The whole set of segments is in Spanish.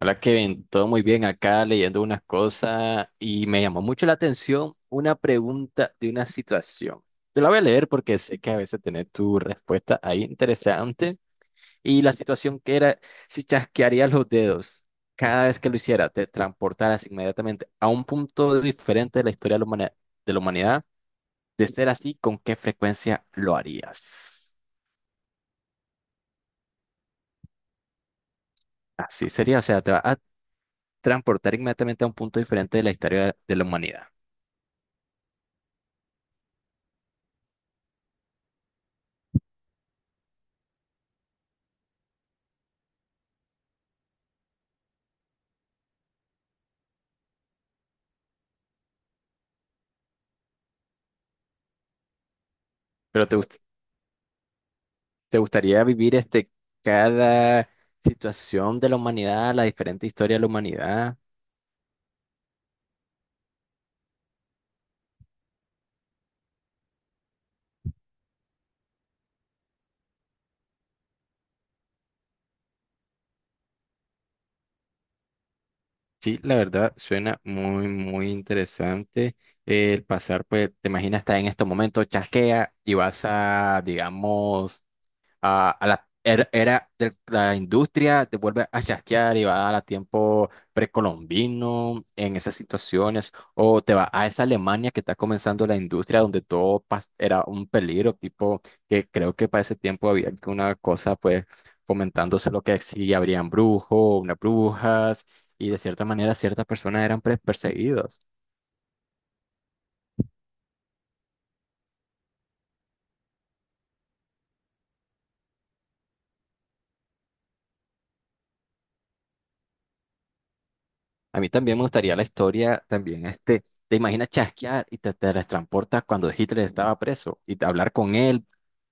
Hola Kevin, todo muy bien acá leyendo unas cosas y me llamó mucho la atención una pregunta de una situación. Te la voy a leer porque sé que a veces tenés tu respuesta ahí interesante. Y la situación que era si chasquearías los dedos cada vez que lo hiciera te transportaras inmediatamente a un punto diferente de la historia de la humana- de la humanidad. De ser así, ¿con qué frecuencia lo harías? Así sería, o sea, te va a transportar inmediatamente a un punto diferente de la historia de la humanidad. Pero te, gust- ¿Te gustaría vivir este, cada situación de la humanidad, la diferente historia de la humanidad? Sí, la verdad suena muy, muy interesante. El pasar, pues, te imaginas, estar en estos momentos, chasquea y vas a, digamos, a la era de la industria, te vuelve a chasquear y va a la tiempo precolombino en esas situaciones, o te va a esa Alemania que está comenzando la industria donde era un peligro, tipo que creo que para ese tiempo había una cosa pues fomentándose lo que si habrían brujos, unas brujas, y de cierta manera ciertas personas perseguidas. A mí también me gustaría la historia, también este, te imaginas chasquear y te transportas cuando Hitler estaba preso y hablar con él,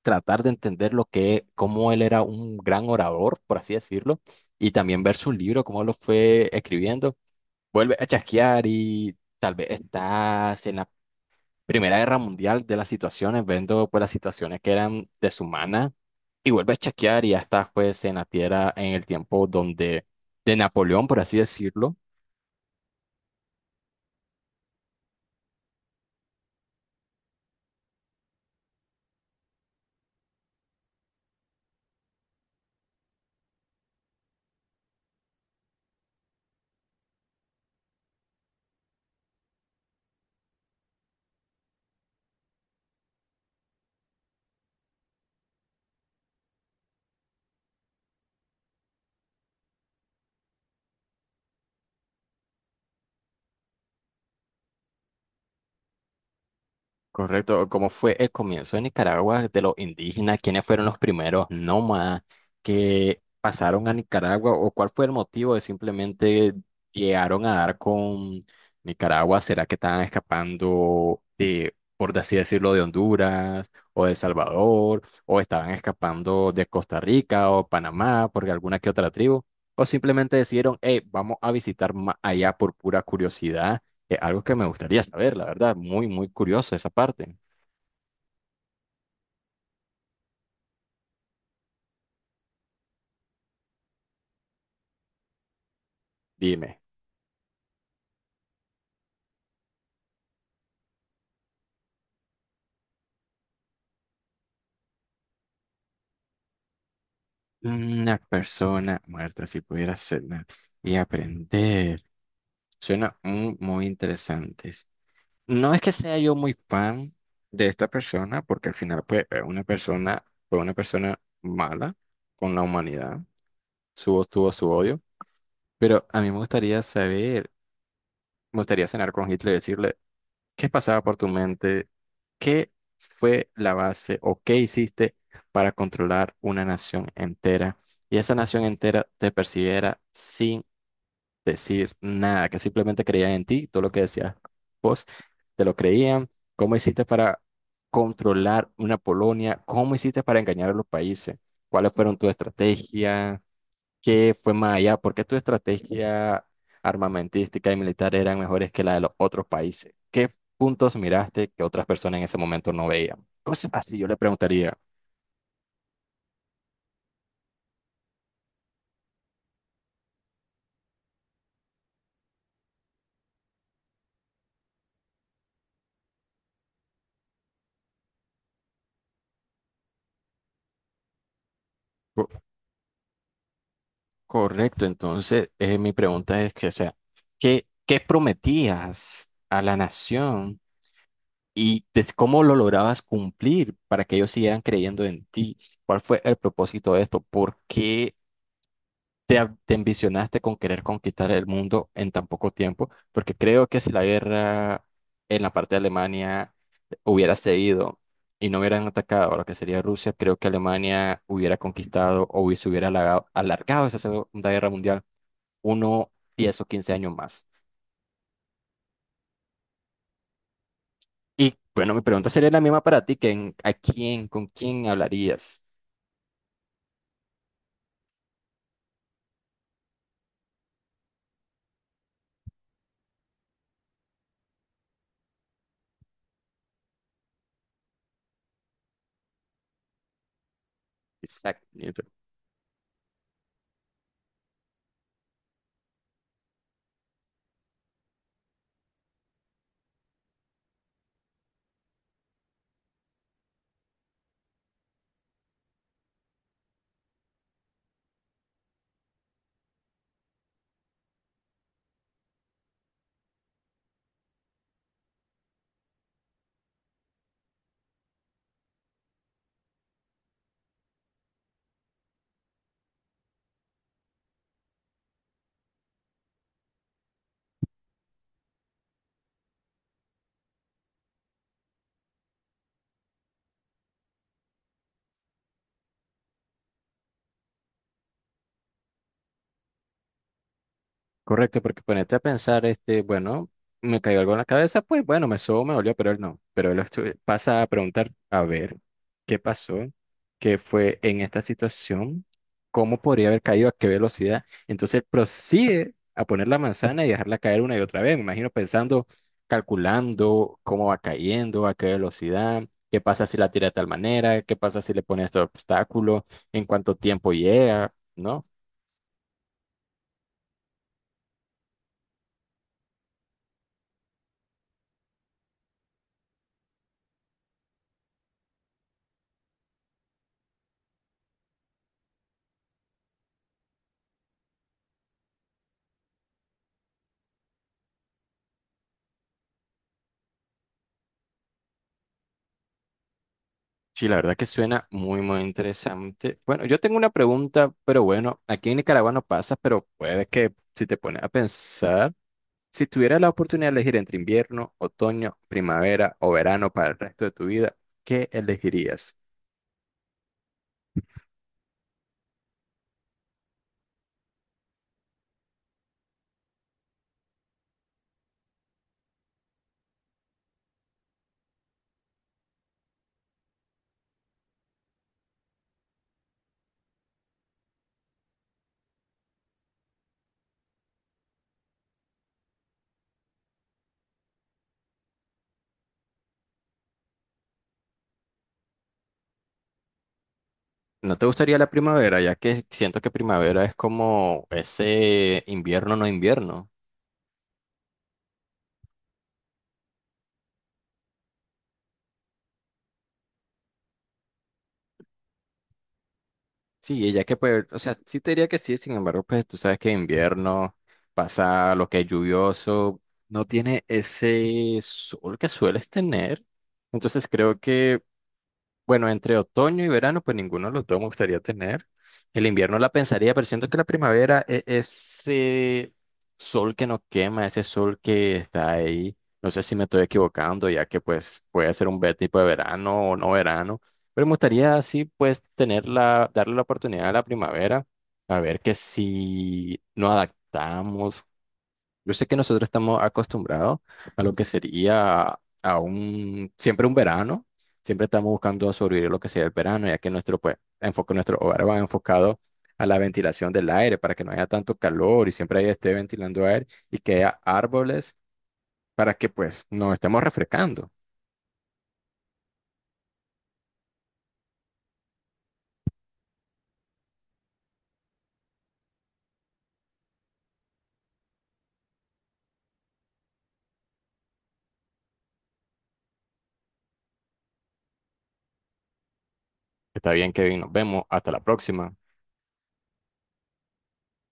tratar de entender lo que, cómo él era un gran orador, por así decirlo, y también ver su libro, cómo lo fue escribiendo. Vuelve a chasquear y tal vez estás en la Primera Guerra Mundial de las situaciones, viendo pues las situaciones que eran deshumanas y vuelve a chasquear y ya estás pues en la tierra, en el tiempo donde de Napoleón, por así decirlo. Correcto, ¿cómo fue el comienzo de Nicaragua de los indígenas? ¿Quiénes fueron los primeros nómadas que pasaron a Nicaragua? ¿O cuál fue el motivo de simplemente llegaron a dar con Nicaragua? ¿Será que estaban escapando de, por así decirlo, de Honduras o de El Salvador? ¿O estaban escapando de Costa Rica o Panamá porque alguna que otra tribu? ¿O simplemente decidieron, hey, vamos a visitar más allá por pura curiosidad? Es algo que me gustaría saber, la verdad, muy, muy curioso esa parte. Dime, una persona muerta si pudiera hacerla y aprender. Suena muy, muy interesante. No es que sea yo muy fan de esta persona, porque al final pues, una persona fue una persona mala con la humanidad, su, tuvo su odio, pero a mí me gustaría saber, me gustaría cenar con Hitler y decirle, ¿qué pasaba por tu mente? ¿Qué fue la base o qué hiciste para controlar una nación entera? Y esa nación entera te persiguiera sin decir nada, que simplemente creían en ti, todo lo que decías vos, te lo creían. ¿Cómo hiciste para controlar una Polonia? ¿Cómo hiciste para engañar a los países? ¿Cuáles fueron tus estrategias? ¿Qué fue más allá? ¿Por qué tu estrategia armamentística y militar eran mejores que la de los otros países? ¿Qué puntos miraste que otras personas en ese momento no veían? Cosas así yo le preguntaría. Co- Correcto, entonces mi pregunta es que, o sea, ¿qué prometías a la nación y cómo lo lograbas cumplir para que ellos siguieran creyendo en ti? ¿Cuál fue el propósito de esto? ¿Por qué te, te ambicionaste con querer conquistar el mundo en tan poco tiempo? Porque creo que si la guerra en la parte de Alemania hubiera seguido y no hubieran atacado a lo que sería Rusia, creo que Alemania hubiera conquistado o se hubiera alargado, esa Segunda Guerra Mundial 1, 10 o 15 años más. Y bueno, mi pregunta sería la misma para ti, ¿a quién, con quién hablarías? Exacto. Correcto, porque ponete a pensar, este, bueno, me cayó algo en la cabeza, pues bueno, me sobó, me dolió, pero él no. Pero pasa a preguntar, a ver, ¿qué pasó? ¿Qué fue en esta situación? ¿Cómo podría haber caído? ¿A qué velocidad? Entonces prosigue a poner la manzana y dejarla caer una y otra vez. Me imagino pensando, calculando cómo va cayendo, a qué velocidad, qué pasa si la tira de tal manera, qué pasa si le pone este obstáculo, en cuánto tiempo llega, ¿no? Sí, la verdad que suena muy, muy interesante. Bueno, yo tengo una pregunta, pero bueno, aquí en Nicaragua no pasa, pero puede que si te pones a pensar, si tuvieras la oportunidad de elegir entre invierno, otoño, primavera o verano para el resto de tu vida, ¿qué elegirías? ¿No te gustaría la primavera, ya que siento que primavera es como ese invierno no invierno? Sí, ella que pues, o sea, sí te diría que sí, sin embargo, pues tú sabes que invierno pasa lo que es lluvioso, no tiene ese sol que sueles tener. Entonces creo que bueno, entre otoño y verano, pues ninguno de los dos me gustaría tener. El invierno la pensaría, pero siento que la primavera es ese sol que nos quema, ese sol que está ahí. No sé si me estoy equivocando, ya que pues puede ser un tipo de verano o no verano, pero me gustaría así pues tenerla, darle la oportunidad a la primavera, a ver que si nos adaptamos, yo sé que nosotros estamos acostumbrados a lo que sería a un, siempre un verano, siempre estamos buscando sobrevivir lo que sería el verano, ya que nuestro pues, enfoque, nuestro hogar va enfocado a la ventilación del aire para que no haya tanto calor y siempre ahí esté ventilando aire y que haya árboles para que pues nos estemos refrescando. Está bien, Kevin, nos vemos, hasta la próxima.